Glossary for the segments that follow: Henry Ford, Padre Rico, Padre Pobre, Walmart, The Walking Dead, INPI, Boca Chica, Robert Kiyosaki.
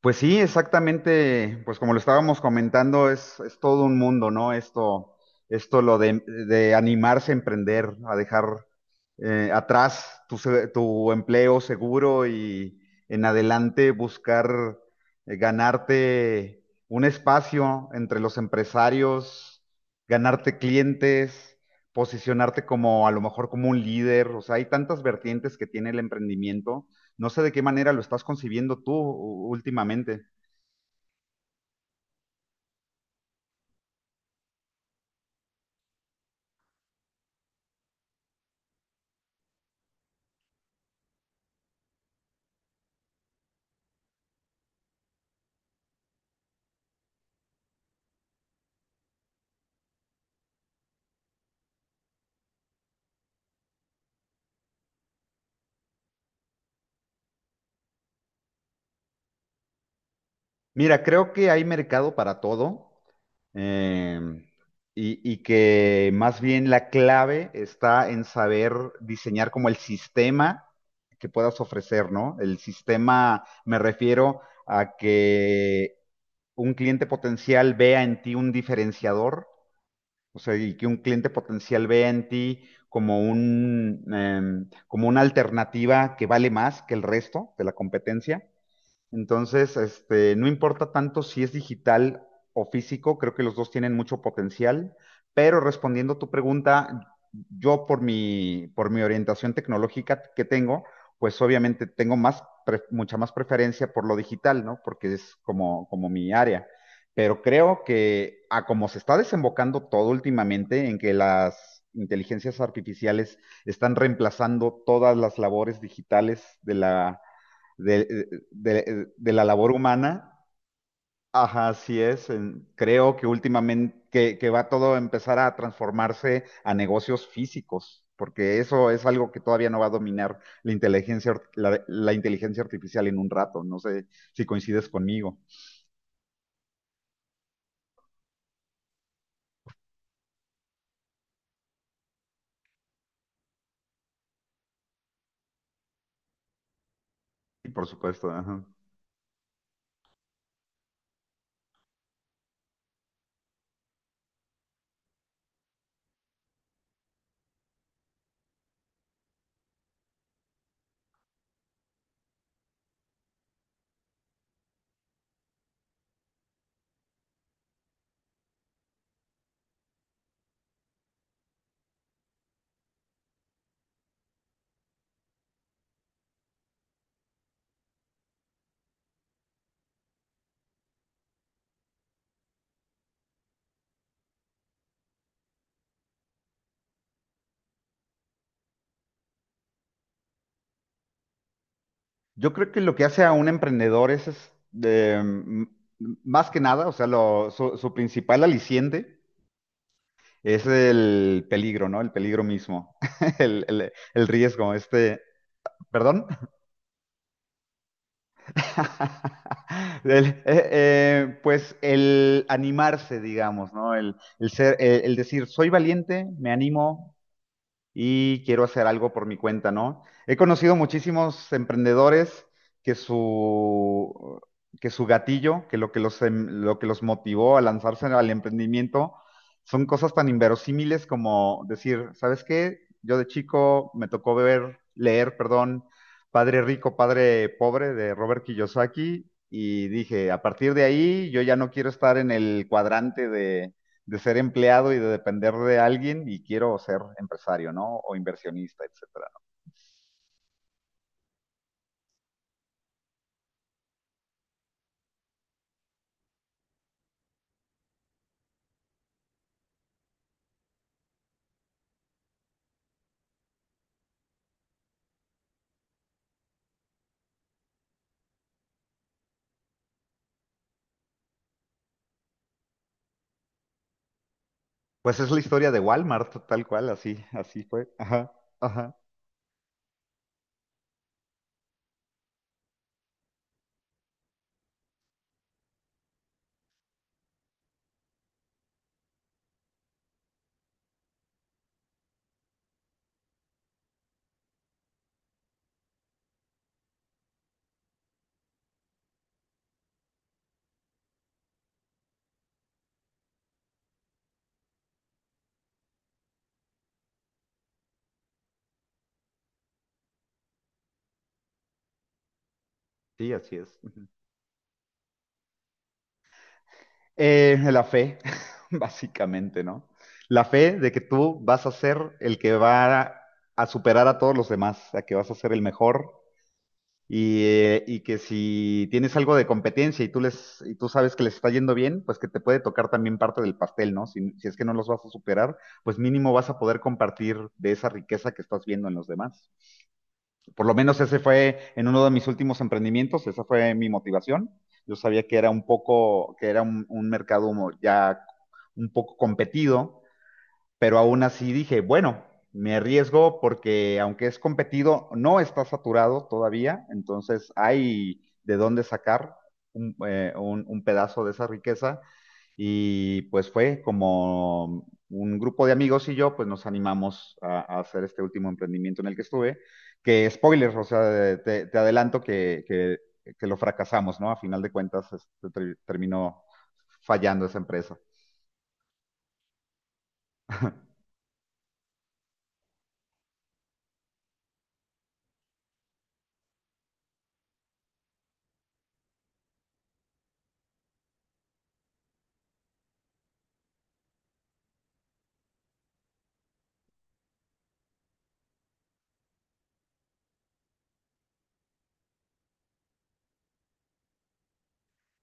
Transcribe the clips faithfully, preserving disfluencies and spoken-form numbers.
Pues sí, exactamente, pues como lo estábamos comentando, es, es todo un mundo, ¿no? Esto, esto lo de, de animarse a emprender, a dejar eh, atrás tu, se- tu empleo seguro y en adelante buscar eh, ganarte un espacio entre los empresarios, ganarte clientes, posicionarte como a lo mejor como un líder, o sea, hay tantas vertientes que tiene el emprendimiento. No sé de qué manera lo estás concibiendo tú u- últimamente. Mira, creo que hay mercado para todo, eh, y, y que más bien la clave está en saber diseñar como el sistema que puedas ofrecer, ¿no? El sistema, me refiero a que un cliente potencial vea en ti un diferenciador. O sea, y que un cliente potencial ve en ti como un, em, como una alternativa que vale más que el resto de la competencia. Entonces, este, no importa tanto si es digital o físico, creo que los dos tienen mucho potencial, pero respondiendo a tu pregunta, yo por mi, por mi orientación tecnológica que tengo, pues obviamente tengo más, pre- mucha más preferencia por lo digital, ¿no? Porque es como, como mi área. Pero creo que a como se está desembocando todo últimamente en que las inteligencias artificiales están reemplazando todas las labores digitales de la de, de- de la labor humana. Ajá, así es. En- creo que últimamente que, que va todo a empezar a transformarse a negocios físicos, porque eso es algo que todavía no va a dominar la inteligencia, ar- la, la inteligencia artificial en un rato. No sé si coincides conmigo. Sí, por supuesto, ajá. Yo creo que lo que hace a un emprendedor es, es, de, mm, más que nada, o sea, lo- su, su principal aliciente es el peligro, ¿no? El peligro mismo, el, el- el riesgo, este, ¿perdón? El- eh, eh, pues el animarse, digamos, ¿no? El, el ser, el, el decir, soy valiente, me animo, y quiero hacer algo por mi cuenta, ¿no? He conocido muchísimos emprendedores que su, que su gatillo, que lo que los, em- lo que los motivó a lanzarse al emprendimiento, son cosas tan inverosímiles como decir, ¿sabes qué? Yo de chico me tocó ver, leer, perdón, Padre Rico, Padre Pobre de Robert Kiyosaki. Y dije, a partir de ahí, yo ya no quiero estar en el cuadrante de de ser empleado y de depender de alguien y quiero ser empresario, ¿no? O inversionista, etcétera. Pues es la historia de Walmart, tal cual, así, así fue. Ajá, ajá. Sí, así es. Eh, la fe, básicamente, ¿no? La fe de que tú vas a ser el que va a, a superar a todos los demás, a que vas a ser el mejor. Y, eh, y que si tienes algo de competencia y tú les, y tú sabes que les está yendo bien, pues que te puede tocar también parte del pastel, ¿no? Si, si es que no los vas a superar, pues mínimo vas a poder compartir de esa riqueza que estás viendo en los demás. Por lo menos ese fue en uno de mis últimos emprendimientos, esa fue mi motivación. Yo sabía que era un poco, que era un, un mercado ya un poco competido, pero aún así dije, bueno, me arriesgo porque aunque es competido, no está saturado todavía, entonces hay de dónde sacar un, eh, un- un pedazo de esa riqueza, y pues fue como un grupo de amigos y yo, pues nos animamos a, a hacer este último emprendimiento en el que estuve, que spoilers, o sea, te, te adelanto que, que- que lo fracasamos, ¿no? A final de cuentas, este, ter- terminó fallando esa empresa.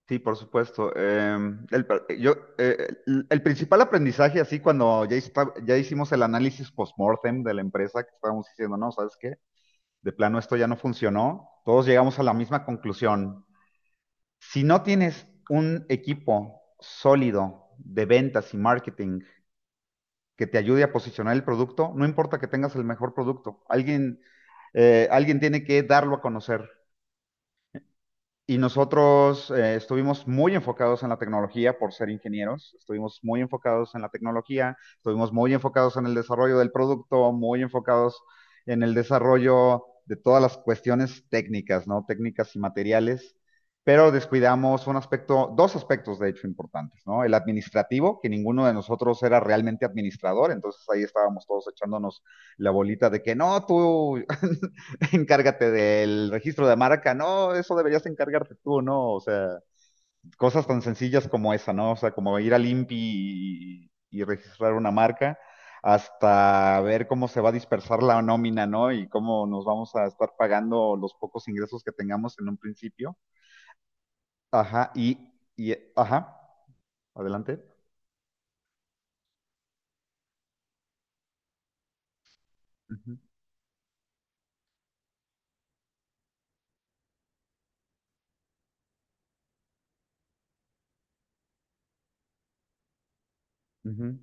Sí, por supuesto. Em, el, pr- yo, eh, el, el principal aprendizaje, así cuando ya, hista- ya hicimos el análisis post-mortem de la empresa, que estábamos diciendo, no, ¿sabes qué? De plano esto ya no funcionó, todos llegamos a la misma conclusión. Si no tienes un equipo sólido de ventas y marketing que te ayude a posicionar el producto, no importa que tengas el mejor producto, alguien, eh, alguien tiene que darlo a conocer. Y nosotros eh, estuvimos muy enfocados en la tecnología por ser ingenieros, estuvimos muy enfocados en la tecnología, estuvimos muy enfocados en el desarrollo del producto, muy enfocados en el desarrollo de todas las cuestiones técnicas, ¿no? Técnicas y materiales, pero descuidamos un aspecto, dos aspectos de hecho importantes, ¿no? El administrativo, que ninguno de nosotros era realmente administrador, entonces ahí estábamos todos echándonos la bolita de que no, tú encárgate del registro de marca, no, eso deberías encargarte tú, ¿no? O sea, cosas tan sencillas como esa, ¿no? O sea, como ir al I N P I y, y registrar una marca, hasta ver cómo se va a dispersar la nómina, ¿no? Y cómo nos vamos a estar pagando los pocos ingresos que tengamos en un principio. Ajá, y, y ajá, adelante. Ujú, ujú.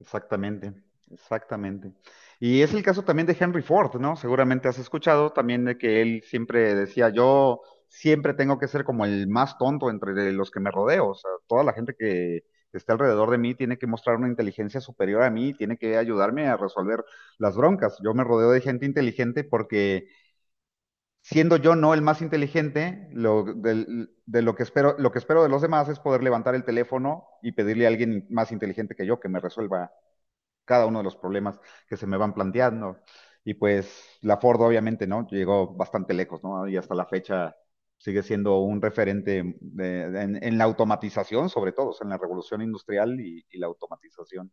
Exactamente, exactamente. Y es el caso también de Henry Ford, ¿no? Seguramente has escuchado también de que él siempre decía, yo siempre tengo que ser como el más tonto entre los que me rodeo, o sea, toda la gente que está alrededor de mí tiene que mostrar una inteligencia superior a mí, tiene que ayudarme a resolver las broncas. Yo me rodeo de gente inteligente porque siendo yo no el más inteligente, lo, del- de lo que espero, lo que espero de los demás es poder levantar el teléfono y pedirle a alguien más inteligente que yo que me resuelva cada uno de los problemas que se me van planteando. Y pues la Ford obviamente, ¿no? Llegó bastante lejos, ¿no? Y hasta la fecha sigue siendo un referente de- de, en, en la automatización, sobre todo, o sea, en la revolución industrial y, y la automatización.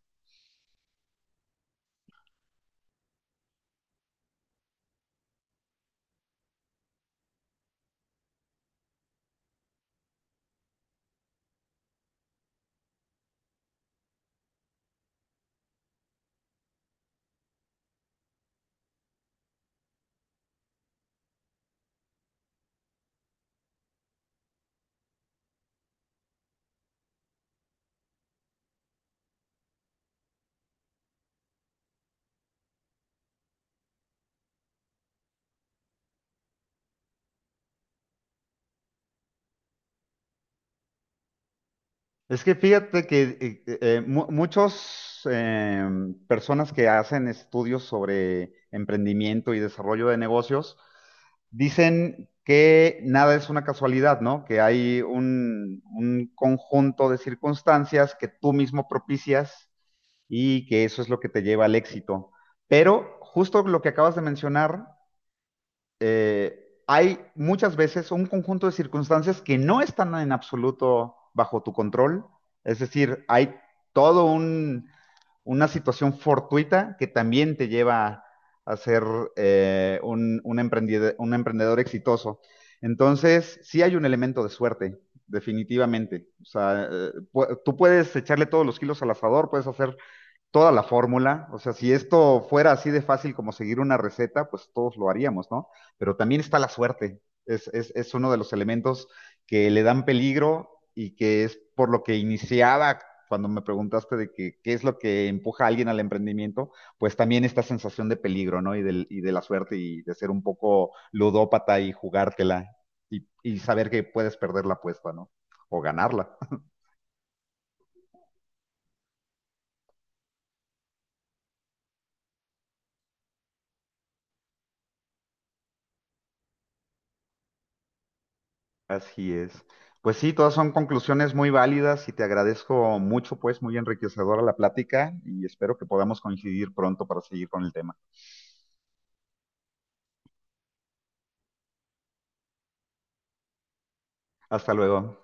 Es que fíjate que eh, eh, mu- muchos eh, personas que hacen estudios sobre emprendimiento y desarrollo de negocios dicen que nada es una casualidad, ¿no? Que hay un, un conjunto de circunstancias que tú mismo propicias y que eso es lo que te lleva al éxito. Pero justo lo que acabas de mencionar, eh, hay muchas veces un conjunto de circunstancias que no están en absoluto bajo tu control. Es decir, hay todo un, una situación fortuita que también te lleva a ser eh, un, un, emprendedor, un emprendedor exitoso. Entonces, sí hay un elemento de suerte, definitivamente. O sea, eh, pu- tú puedes echarle todos los kilos al asador, puedes hacer toda la fórmula. O sea, si esto fuera así de fácil como seguir una receta, pues todos lo haríamos, ¿no? Pero también está la suerte. Es, es, es uno de los elementos que le dan peligro y que es por lo que iniciaba cuando me preguntaste de que, qué es lo que empuja a alguien al emprendimiento, pues también esta sensación de peligro, ¿no? Y, del, y de la suerte y de ser un poco ludópata y jugártela y, y saber que puedes perder la apuesta, ¿no? O ganarla. Así es. Pues sí, todas son conclusiones muy válidas y te agradezco mucho, pues muy enriquecedora la plática y espero que podamos coincidir pronto para seguir con el tema. Hasta luego.